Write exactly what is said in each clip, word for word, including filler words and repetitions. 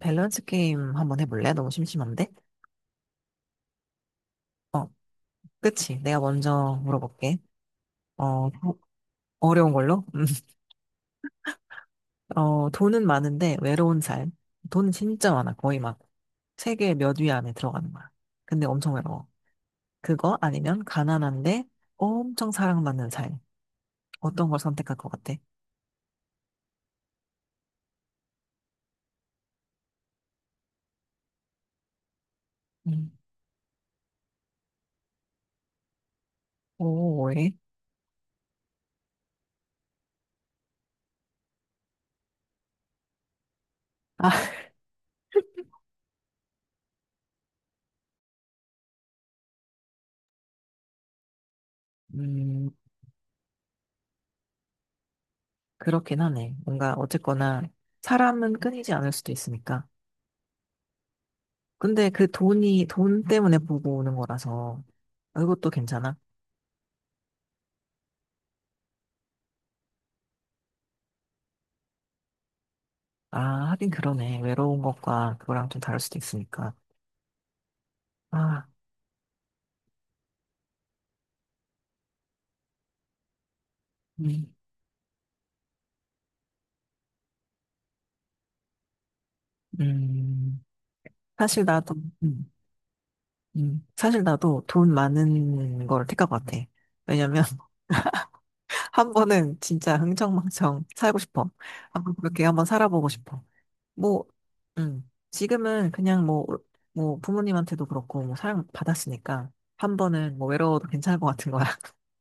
밸런스 게임 한번 해볼래? 너무 심심한데? 어, 그치. 내가 먼저 물어볼게. 어, 도- 어려운 걸로? 어, 돈은 많은데 외로운 삶. 돈은 진짜 많아. 거의 막 세계 몇 위 안에 들어가는 거야. 근데 엄청 외로워. 그거 아니면 가난한데 엄청 사랑받는 삶. 어떤 걸 선택할 것 같아? 음. 오, 왜? 아, 음, 그렇긴 하네. 뭔가 어쨌거나 사람은 끊이지 않을 수도 있으니까. 근데 그 돈이 돈 때문에 보고 오는 거라서 아, 그것도 괜찮아? 아, 하긴 그러네. 외로운 것과 그거랑 좀 다를 수도 있으니까. 아, 음, 음. 사실 나도, 음, 음. 사실 나도 돈 많은 걸 택할 것 같아. 왜냐면, 한 번은 진짜 흥청망청 살고 싶어. 한번 그렇게 한번 살아보고 싶어. 뭐, 음, 지금은 그냥 뭐, 뭐, 부모님한테도 그렇고, 뭐, 사랑 받았으니까, 한 번은 뭐, 외로워도 괜찮을 것 같은 거야.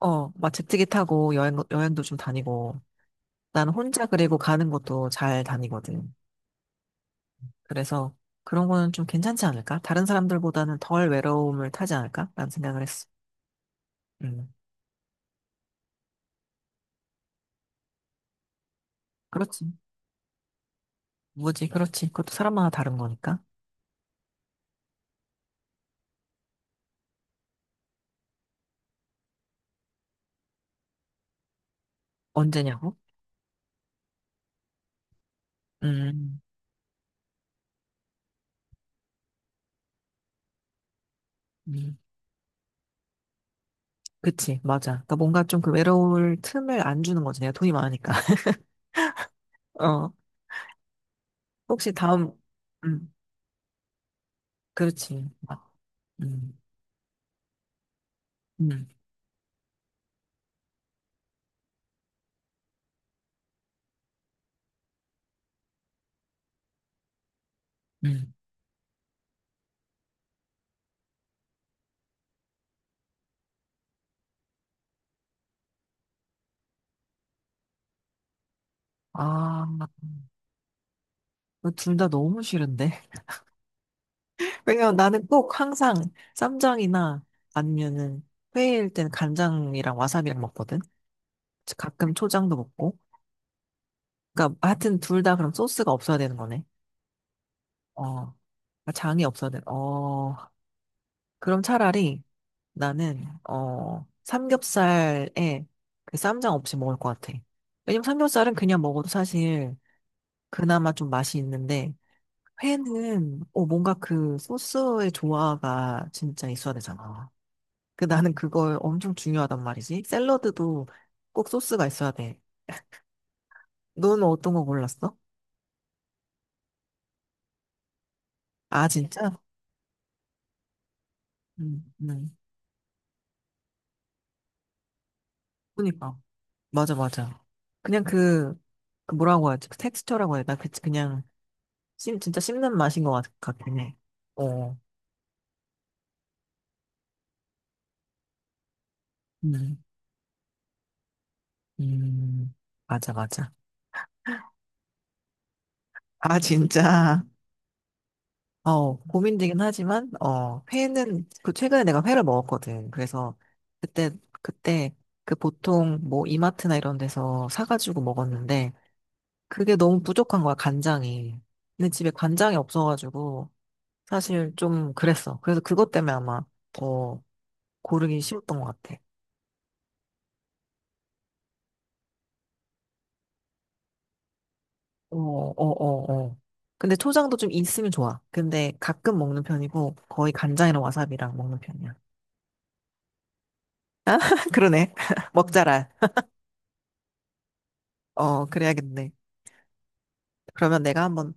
어, 막 제트기 타고 여행, 여행도 좀 다니고, 난 혼자 그리고 가는 것도 잘 다니거든. 그래서 그런 거는 좀 괜찮지 않을까? 다른 사람들보다는 덜 외로움을 타지 않을까? 라는 생각을 했어. 음, 그렇지. 뭐지, 그렇지. 그것도 사람마다 다른 거니까. 언제냐고? 음, 음, 그치, 맞아. 그러니까 뭔가 좀 그 외로울 틈을 안 주는 거지. 내가 돈이 많으니까. 어, 혹시 다음, 음, 그렇지. 아, 음, 음, 음. 아, 둘 다 너무 싫은데. 왜냐면 나는 꼭 항상 쌈장이나 아니면은 회일 땐 간장이랑 와사비랑 먹거든. 가끔 초장도 먹고. 그러니까 하여튼 둘 다 그럼 소스가 없어야 되는 거네. 어. 아, 장이 없어야 돼. 어. 그럼 차라리 나는 어 삼겹살에 그 쌈장 없이 먹을 것 같아. 왜냐면 삼겹살은 그냥 먹어도 사실 그나마 좀 맛이 있는데 회는 어 뭔가 그 소스의 조화가 진짜 있어야 되잖아. 그 나는 그걸 엄청 중요하단 말이지. 샐러드도 꼭 소스가 있어야 돼. 너는 어떤 거 골랐어? 아, 진짜? 응, 응. 그니까. 맞아, 맞아. 그냥 그, 그 뭐라고 하지? 그 텍스처라고 해야 되나? 그, 그냥, 씹, 진짜 씹는 맛인 것 같, 같긴 해. 어, 음, 음, 맞아, 맞아. 아, 진짜. 어, 고민되긴 하지만, 어, 회는, 그, 최근에 내가 회를 먹었거든. 그래서, 그때, 그때, 그 보통, 뭐, 이마트나 이런 데서 사가지고 먹었는데, 그게 너무 부족한 거야, 간장이. 근데 집에 간장이 없어가지고, 사실 좀 그랬어. 그래서 그것 때문에 아마 더 고르기 쉬웠던 것 같아. 어, 어, 어, 어. 근데 초장도 좀 있으면 좋아. 근데 가끔 먹는 편이고, 거의 간장이랑 와사비랑 먹는 편이야. 그러네. 먹자라. 어, 그래야겠네. 그러면 내가 한번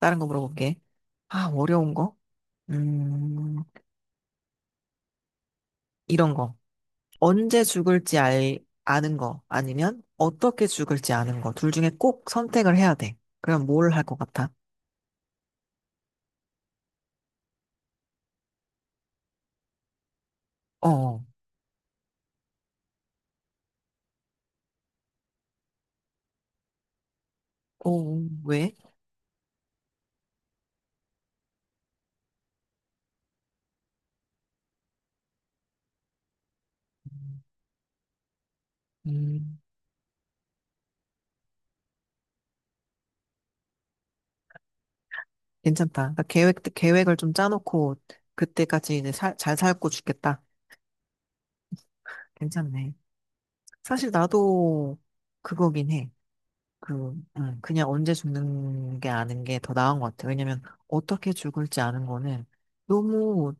다른 거 물어볼게. 아, 어려운 거? 음, 이런 거. 언제 죽을지 알, 아는 거 아니면 어떻게 죽을지 아는 거. 둘 중에 꼭 선택을 해야 돼. 그럼 뭘 할 것 같아? 어, 어, 왜? 음, 괜찮다. 그러니까 계획, 계획을 좀 짜놓고 그때까지 이제 살- 잘 살고 죽겠다. 괜찮네. 사실 나도 그거긴 해. 그, 음, 그냥 언제 죽는 게 아는 게 더 나은 것 같아. 왜냐면 어떻게 죽을지 아는 거는 너무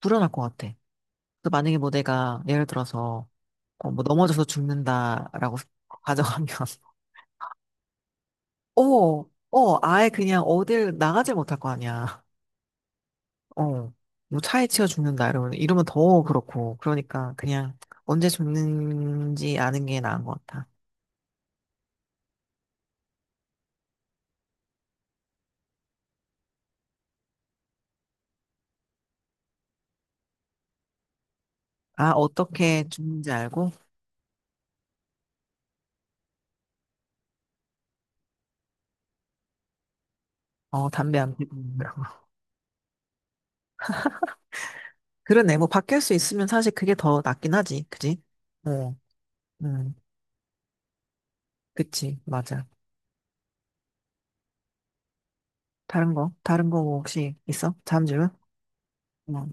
불안할 것 같아. 그 만약에 뭐 내가 예를 들어서 어, 뭐 넘어져서 죽는다라고 가정하면 어, 어, 아예 그냥 어딜 나가질 못할 거 아니야. 어, 뭐 차에 치여 죽는다 이러면 이러면 더 그렇고 그러니까 그냥 언제 죽는지 아는 게 나은 것 같아. 아, 어떻게 죽는지 알고 어, 담배 안 피고 그러네. 뭐 바뀔 수 있으면 사실 그게 더 낫긴 하지. 그지? 어, 음, 그치. 맞아. 다른 거? 다른 거 뭐 혹시 있어? 다음 질문? 어,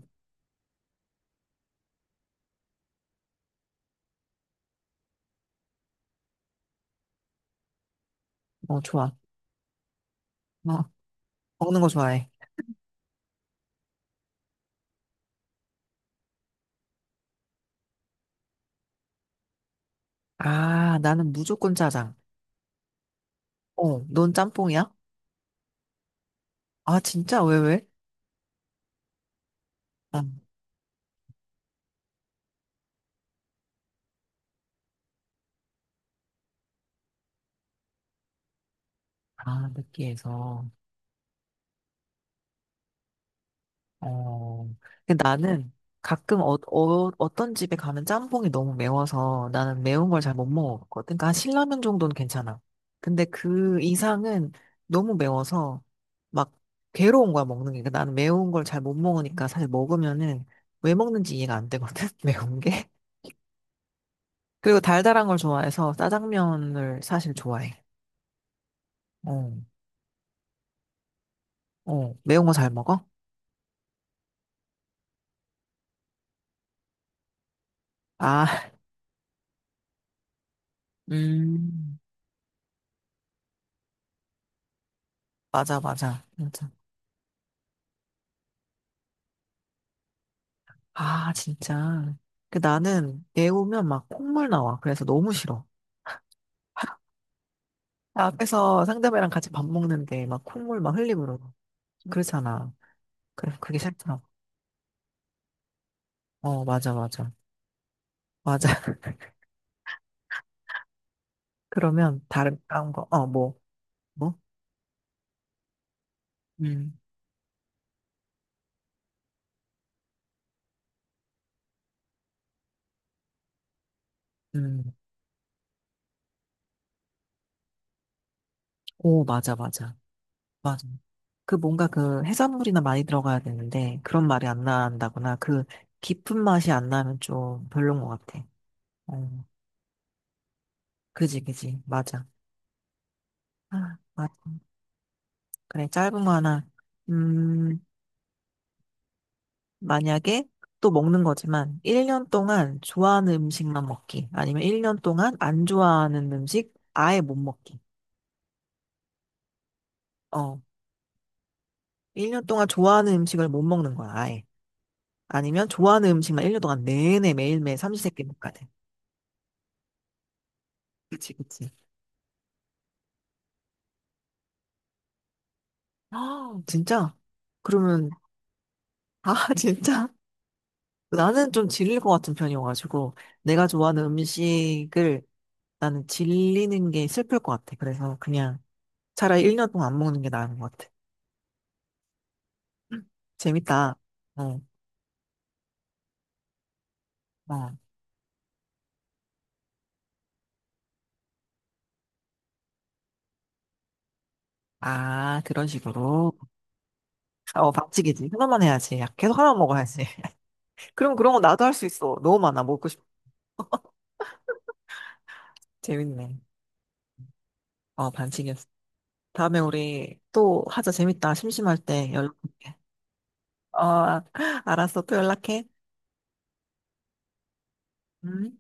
어, 좋아. 어, 먹는 거 좋아해. 아, 나는 무조건 짜장. 어, 넌 짬뽕이야? 아, 진짜? 왜, 왜? 아, 아, 느끼해서. 어, 근데 나는 가끔 어, 어, 어떤 집에 가면 짬뽕이 너무 매워서 나는 매운 걸 잘 못 먹었거든. 그러니까 한 신라면 정도는 괜찮아. 근데 그 이상은 너무 매워서 막 괴로운 거야, 먹는 게. 그러니까 나는 매운 걸 잘 못 먹으니까 사실 먹으면은 왜 먹는지 이해가 안 되거든, 매운 게. 그리고 달달한 걸 좋아해서 짜장면을 사실 좋아해. 어, 어, 매운 거 잘 먹어? 아, 음, 맞아, 맞아. 아, 진짜. 그 나는 애 오면 막 콧물 나와. 그래서 너무 싫어. 나 앞에서 상대방이랑 같이 밥 먹는데 막 콧물 막 흘리고 그러고. 그렇잖아. 그래서 그게 싫더라고. 어, 맞아, 맞아. 맞아. 그러면 다른, 다른 거, 어, 뭐, 뭐? 음, 음. 오, 맞아, 맞아. 맞아. 그 뭔가 그 해산물이나 많이 들어가야 되는데 그런 말이 안 난다거나 그 깊은 맛이 안 나면 좀 별론 것 같아. 어, 그지, 그지. 맞아. 아, 맞아. 그래, 짧은 거 하나. 음, 만약에 또 먹는 거지만 일 년 동안 좋아하는 음식만 먹기. 아니면 일 년 동안 안 좋아하는 음식 아예 못 먹기. 어. 일 년 동안 좋아하는 음식을 못 먹는 거야, 아예. 아니면 좋아하는 음식만 일 년 동안 내내 매일매일 삼시세끼 먹게 돼. 그치, 그치. 아, 진짜? 그러면, 아, 진짜? 나는 좀 질릴 것 같은 편이어가지고, 내가 좋아하는 음식을 나는 질리는 게 슬플 것 같아. 그래서 그냥 차라리 일 년 동안 안 먹는 게 나은 것 같아. 재밌다. 어, 어. 아, 그런 식으로. 어, 반칙이지. 하나만 해야지. 야, 계속 하나만 먹어야지. 그럼 그런 거 나도 할 수 있어. 너무 많아. 먹고 싶. 재밌네. 어, 반칙이었어. 다음에 우리 또 하자. 재밌다. 심심할 때 연락할게. 어, 알았어. 또 연락해. 음.